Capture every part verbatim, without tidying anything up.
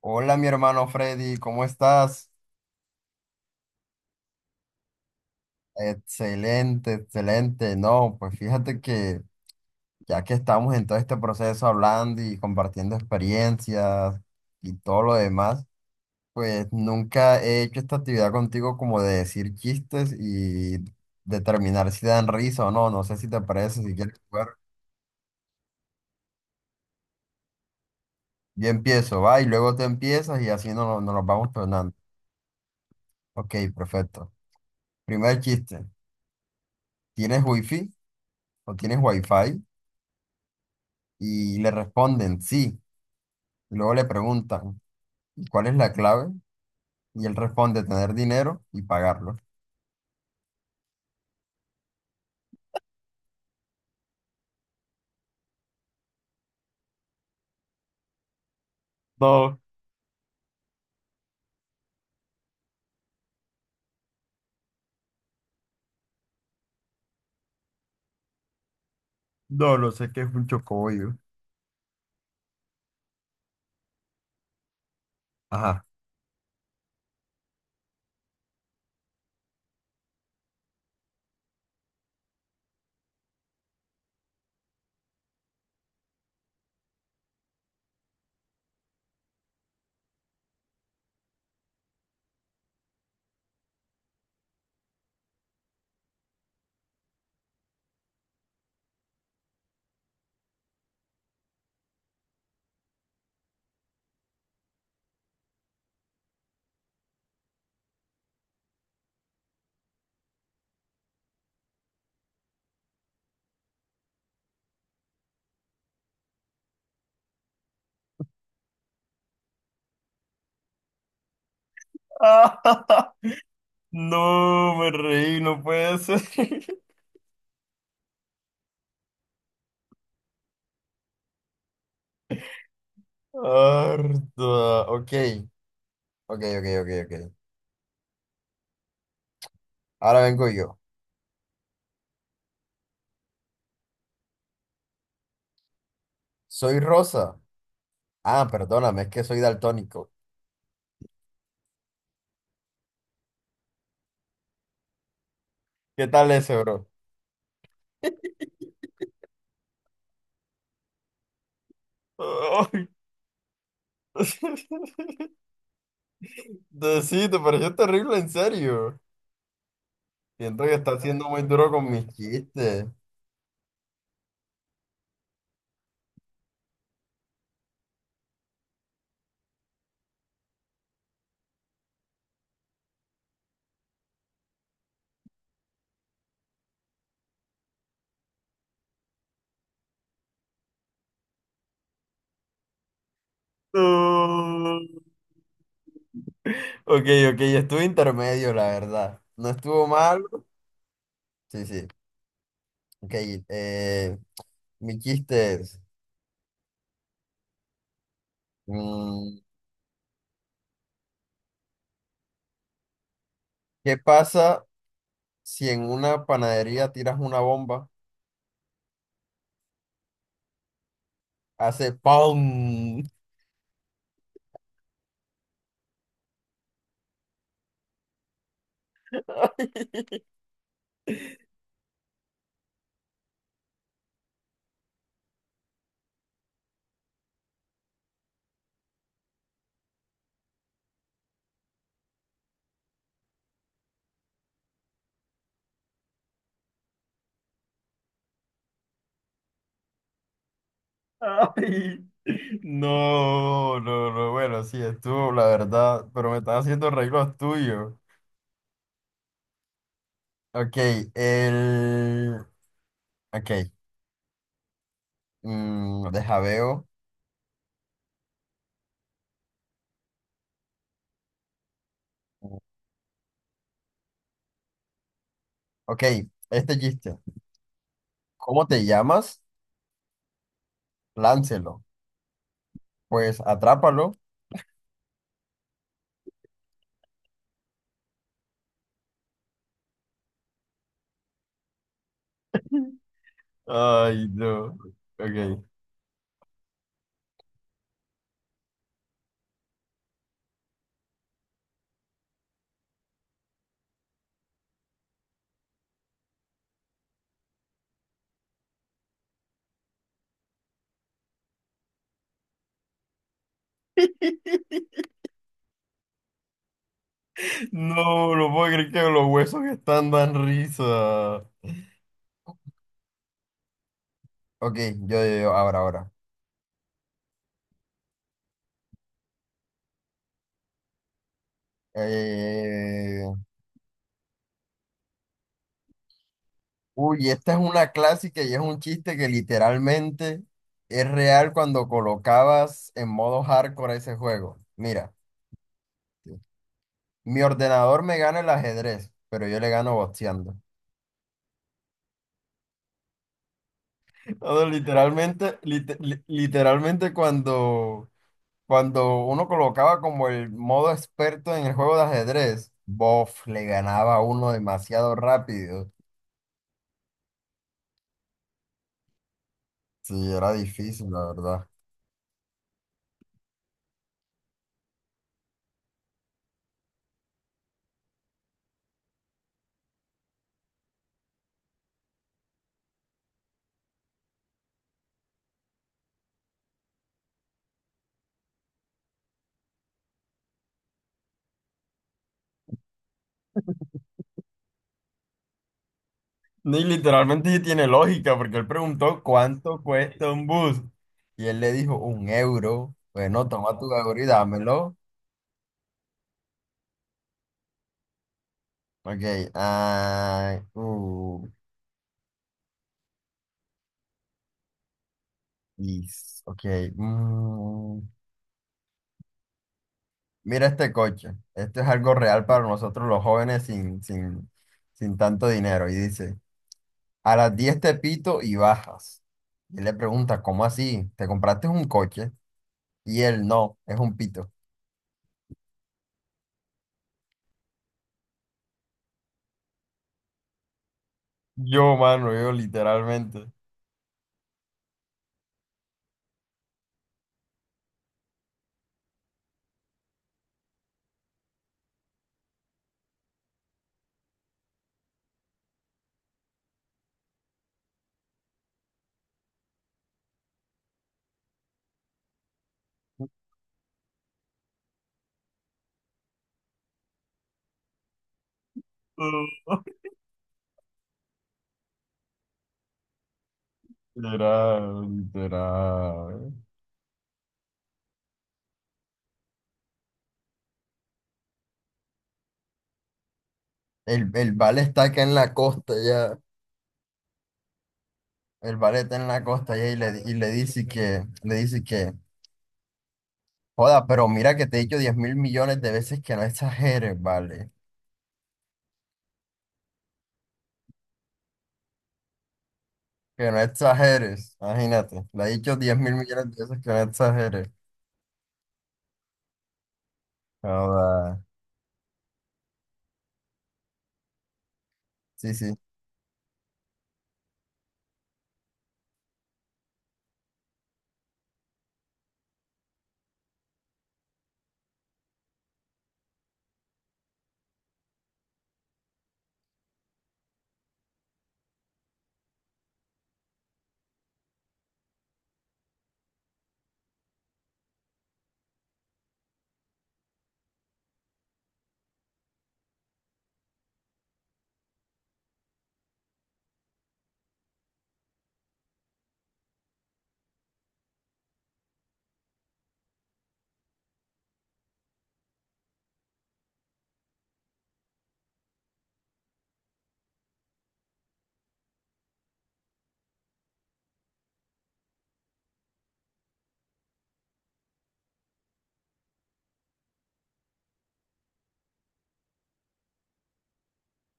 Hola, mi hermano Freddy, ¿cómo estás? Excelente, excelente. No, pues fíjate que ya que estamos en todo este proceso hablando y compartiendo experiencias y todo lo demás, pues nunca he hecho esta actividad contigo como de decir chistes y determinar si dan risa o no. No sé si te parece, si quieres jugar. Yo empiezo, va, y luego tú empiezas y así nos, nos los vamos tornando. Ok, perfecto. Primer chiste. ¿Tienes wifi o tienes wifi? Y le responden sí. Y luego le preguntan, "¿Y ¿cuál es la clave? Y él responde, tener dinero y pagarlo. No. No, lo sé que es un chocobollo. Ajá. No, me reí, no puede ser. Harta. Ok, ok, ok, ok, ok. Ahora vengo yo. Soy Rosa. Ah, perdóname, es que soy daltónico. ¿Qué tal ese, bro? Ay. Sí, te pareció terrible, en serio. Siento que está siendo muy duro con mis chistes. No. Ok, ok, estuvo intermedio, la verdad. No estuvo mal. Sí, sí. Ok, eh, mi chiste es, mm, ¿qué pasa si en una panadería tiras una bomba? Hace ¡pum! Ay, no, no, no, bueno, sí, estuvo, la verdad, pero me están haciendo arreglos tuyos. Ok, el... Ok, mm, deja veo. Ok, este chiste. ¿Cómo te llamas? Láncelo. Pues atrápalo. Ay, no. Ok. No, no puedo creer que los huesos están dan risa. Ok, yo, yo, yo, ahora, ahora. Eh, Uy, esta es una clásica y es un chiste que literalmente es real cuando colocabas en modo hardcore ese juego. Mira, mi ordenador me gana el ajedrez, pero yo le gano boxeando. Todo literalmente, lit- li- literalmente cuando, cuando uno colocaba como el modo experto en el juego de ajedrez, bof, le ganaba a uno demasiado rápido. Sí, era difícil, la verdad. Ni literalmente tiene lógica, porque él preguntó cuánto cuesta un bus. Y él le dijo, un euro. Bueno, toma tu euro y dámelo. Ok, ah, uh, y- s- ok. mm. Mira este coche. Esto es algo real para nosotros los jóvenes sin, sin, sin tanto dinero. Y dice, a las diez te pito y bajas. Y él le pregunta, ¿cómo así? ¿Te compraste un coche? Y él, no, es un pito. Yo, mano, yo literalmente. Literal, literal. El, el vale está acá en la costa ya. El vale está en la costa ya y le, y le dice que, le dice que, joda, pero mira que te he dicho diez mil millones de veces que no exageres, vale. Que no exageres, imagínate. Le he dicho diez mil millones de veces que no exageres. Joda. Sí, sí.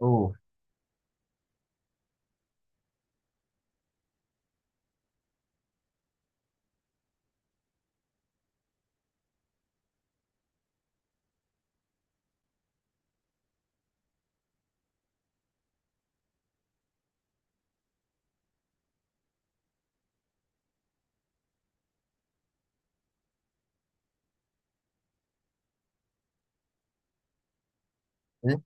Uh, sí,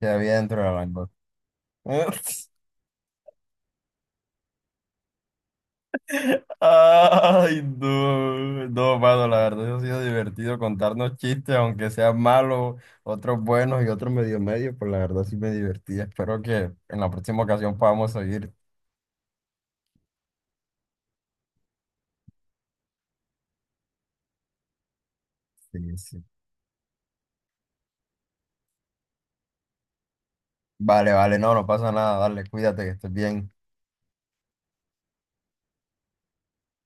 que había dentro de la langosta. Ay, no, no, mano, la verdad, eso ha sido divertido contarnos chistes, aunque sean malos, otros buenos y otros medio medio, pues la verdad sí me divertí. Espero que en la próxima ocasión podamos seguir. Sí, sí. Vale, vale, no, no pasa nada, dale, cuídate, que estés bien.